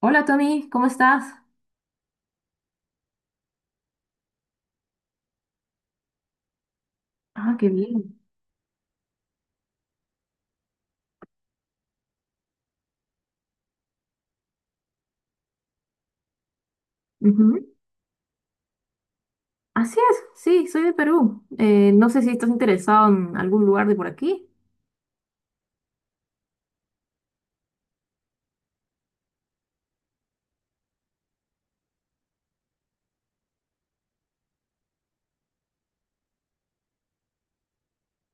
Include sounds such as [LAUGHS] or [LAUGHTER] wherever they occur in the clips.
Hola Tommy, ¿cómo estás? Ah, qué bien. Ujú. Así es, sí, soy de Perú. No sé si estás interesado en algún lugar de por aquí.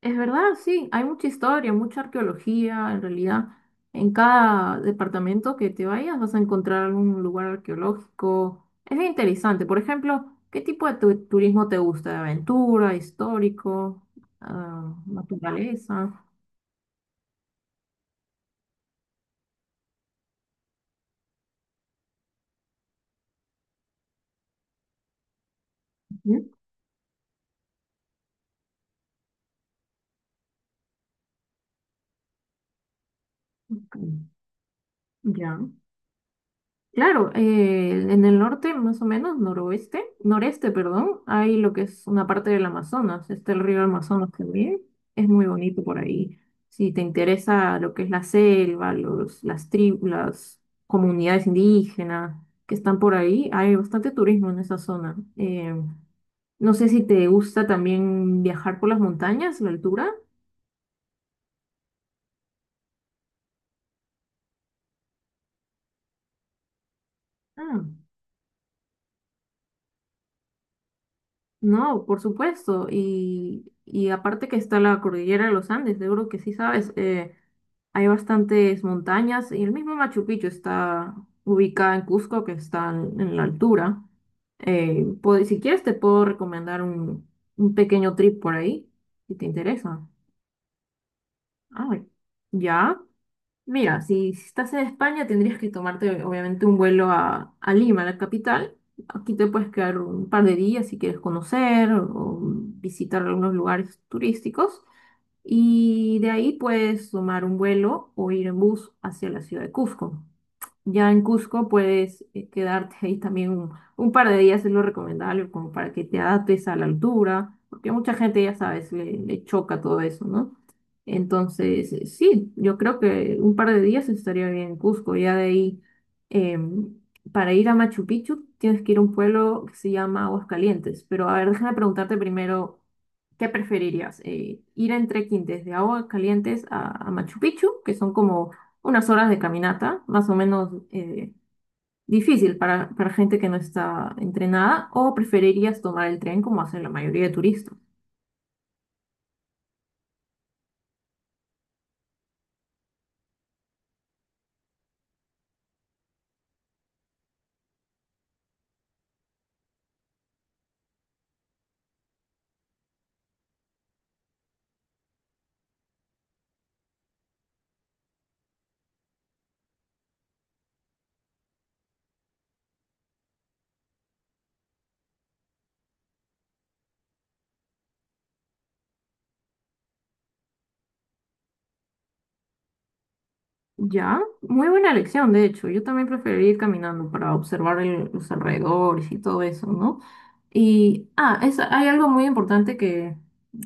Es verdad, sí, hay mucha historia, mucha arqueología, en realidad. En cada departamento que te vayas vas a encontrar algún lugar arqueológico. Es bien interesante. Por ejemplo, ¿qué tipo de turismo te gusta? ¿De aventura, histórico, ah, naturaleza? Ujú. Ok. Ya. Claro, en el norte, más o menos, noroeste, noreste, perdón, hay lo que es una parte del Amazonas, está el río Amazonas también, es muy bonito por ahí. Si te interesa lo que es la selva, las tribus, las comunidades indígenas que están por ahí, hay bastante turismo en esa zona. No sé si te gusta también viajar por las montañas, la altura. Ah. No, por supuesto. Y aparte que está la cordillera de los Andes, seguro que sí sabes, hay bastantes montañas y el mismo Machu Picchu está ubicada en Cusco, que está en la altura. Si quieres te puedo recomendar un pequeño trip por ahí, si te interesa. Ah, ya. Mira, si estás en España tendrías que tomarte obviamente un vuelo a Lima, la capital. Aquí te puedes quedar un par de días si quieres conocer o visitar algunos lugares turísticos. Y de ahí puedes tomar un vuelo o ir en bus hacia la ciudad de Cusco. Ya en Cusco puedes quedarte ahí también un par de días, es lo recomendable, como para que te adaptes a la altura, porque a mucha gente, ya sabes, le choca todo eso, ¿no? Entonces, sí, yo creo que un par de días estaría bien en Cusco. Ya de ahí, em, para ir a Machu Picchu, tienes que ir a un pueblo que se llama Aguascalientes. Pero a ver, déjame preguntarte primero, ¿qué preferirías? ¿Ir en trekking desde Aguascalientes a Machu Picchu, que son como unas horas de caminata, más o menos difícil para gente que no está entrenada, o preferirías tomar el tren como hacen la mayoría de turistas? Ya, muy buena elección, de hecho. Yo también preferiría ir caminando para observar los alrededores y todo eso, ¿no? Y, ah, es, hay algo muy importante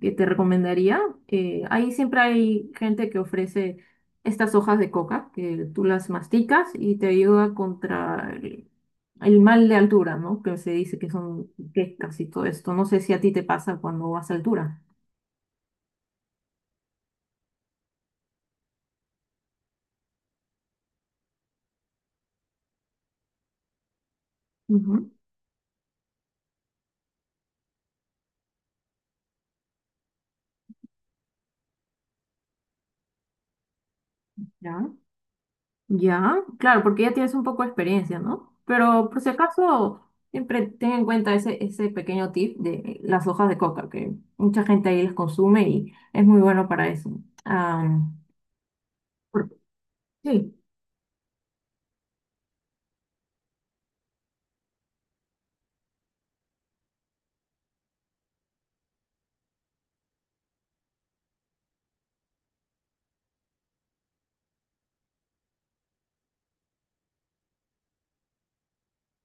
que te recomendaría. Ahí siempre hay gente que ofrece estas hojas de coca, que tú las masticas y te ayuda contra el mal de altura, ¿no? Que se dice que son quecas y todo esto. No sé si a ti te pasa cuando vas a altura. Ujú. Ya. Ya, claro, porque ya tienes un poco de experiencia, ¿no? Pero por si acaso, siempre ten en cuenta ese, ese pequeño tip de las hojas de coca, que mucha gente ahí las consume y es muy bueno para eso. Ah, por- sí.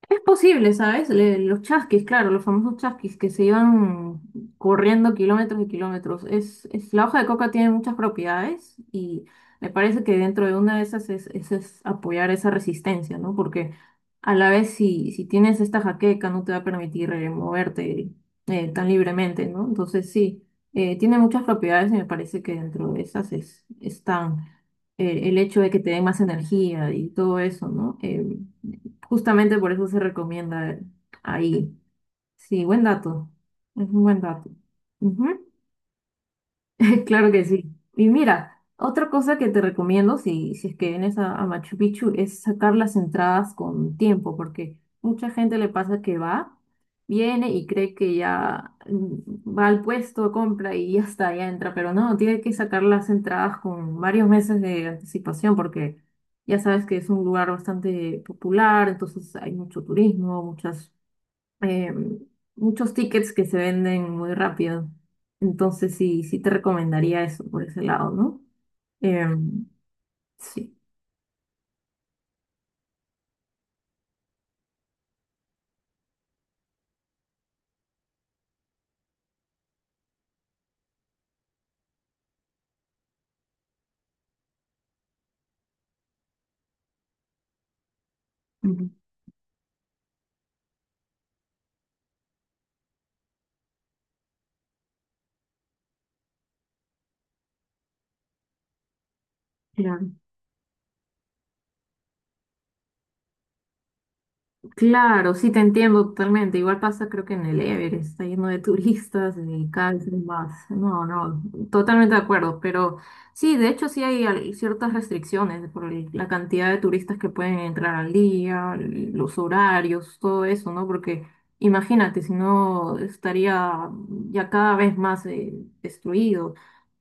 Es posible, ¿sabes? Los chasquis, claro, los famosos chasquis que se iban corriendo kilómetros y kilómetros. Es, la hoja de coca tiene muchas propiedades y me parece que dentro de una de esas es, es apoyar esa resistencia, ¿no? Porque a la vez si, si tienes esta jaqueca no te va a permitir moverte tan libremente, ¿no? Entonces sí, tiene muchas propiedades y me parece que dentro de esas es, están el hecho de que te dé más energía y todo eso, ¿no? Justamente por eso se recomienda ahí. Sí, buen dato. Es un buen dato. Ujú. [LAUGHS] Claro que sí. Y mira, otra cosa que te recomiendo si, si es que vienes a Machu Picchu es sacar las entradas con tiempo, porque mucha gente le pasa que va, viene y cree que ya va al puesto, compra y ya está, ya entra, pero no, tiene que sacar las entradas con varios meses de anticipación, porque ya sabes que es un lugar bastante popular, entonces hay mucho turismo, muchas eh, muchos tickets que se venden muy rápido. Entonces sí, sí te recomendaría eso por ese lado, ¿no? Em, sí. Ujú. Claro. Claro, sí, te entiendo totalmente. Igual pasa, creo que en el Everest está lleno de turistas y cada vez más. No, no, totalmente de acuerdo. Pero sí, de hecho, sí hay ciertas restricciones por la cantidad de turistas que pueden entrar al día, los horarios, todo eso, ¿no? Porque imagínate, si no estaría ya cada vez más destruido.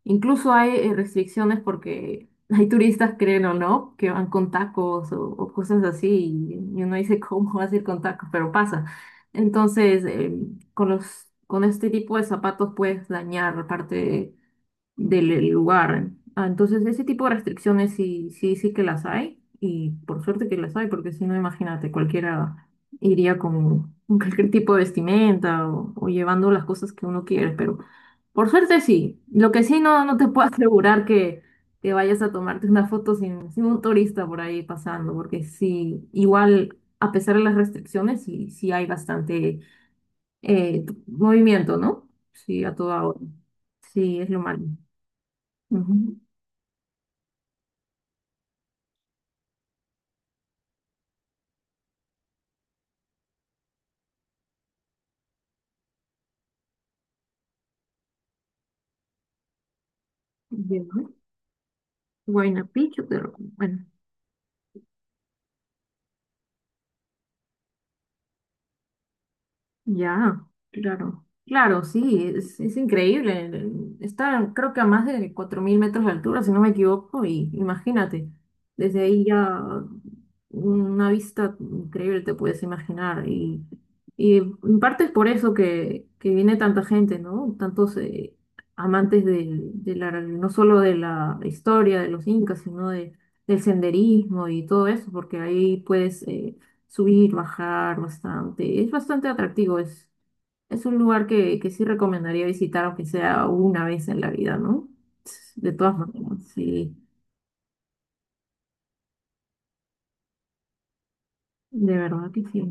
Incluso hay restricciones porque hay turistas, creen o no, que van con tacos o cosas así y uno dice, [LAUGHS] ¿cómo vas a ir con tacos? Pero pasa. Entonces, con los, con este tipo de zapatos puedes dañar parte del lugar. Ah, entonces, ese tipo de restricciones sí, sí, sí que las hay y por suerte que las hay, porque si no, imagínate, cualquiera iría con cualquier tipo de vestimenta o llevando las cosas que uno quiere, pero... Por suerte sí. Lo que sí no, no te puedo [LAUGHS] asegurar que vayas a tomarte una foto sin, sin un turista por ahí pasando, porque sí, igual, a pesar de las restricciones, sí, sí hay bastante movimiento, ¿no? Sí, a toda hora. Sí, es lo malo. Ujú. Bien, ¿no? Huayna Picchu, pero bueno. Ya, claro. Claro, sí, es increíble. Está, creo que a más de 4000 metros de altura, si no me equivoco, y imagínate, desde ahí ya una vista increíble te puedes imaginar. Y en parte es por eso que viene tanta gente, ¿no? Tantos amantes de la, no solo de la historia de los incas, sino de, del senderismo y todo eso, porque ahí puedes... subir, bajar bastante. Es bastante atractivo, es un lugar que sí recomendaría visitar, aunque sea una vez en la vida, ¿no? De todas maneras, sí, de verdad que sí.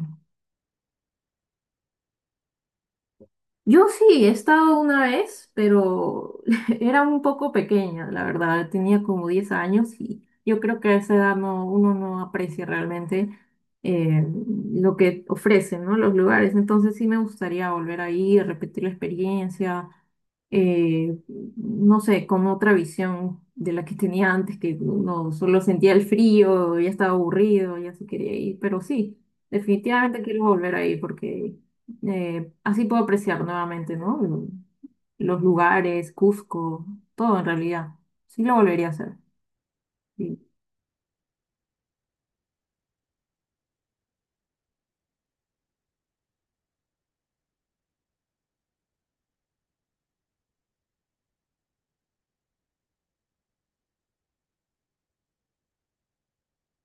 Yo sí, he estado una vez, pero [LAUGHS] era un poco pequeña, la verdad. Tenía como 10 años y yo creo que a esa edad no, uno no aprecia realmente eh, lo que ofrecen, ¿no? Los lugares. Entonces sí me gustaría volver ahí, repetir la experiencia, eh, no sé, con otra visión de la que tenía antes, que uno solo sentía el frío, ya estaba aburrido, ya se quería ir. Pero sí, definitivamente quiero volver ahí porque así puedo apreciar nuevamente, ¿no? Los lugares, Cusco, todo en realidad. Sí lo volvería a hacer. Sí.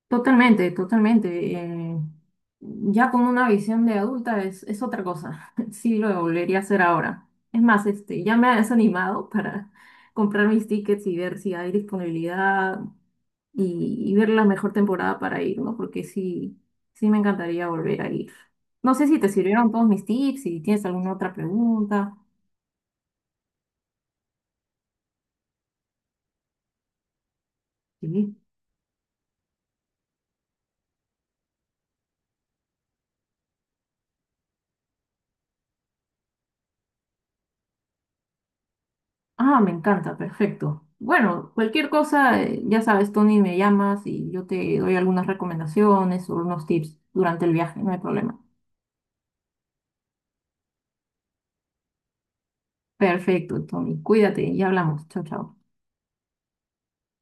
Totalmente, totalmente. Ya con una visión de adulta es otra cosa. [LAUGHS] Sí lo volvería a hacer ahora. Es más, este, ya me has animado para comprar mis tickets y ver si hay disponibilidad. Y, y ver la mejor temporada para ir, ¿no? Porque sí, sí me encantaría volver a ir. No sé si te sirvieron todos mis tips, si tienes alguna otra pregunta. Sí. Ah, me encanta, perfecto. Bueno, cualquier cosa, ya sabes, Tony, me llamas y yo te doy algunas recomendaciones o unos tips durante el viaje, no hay problema. Perfecto, Tony, cuídate y hablamos. Chao, chao.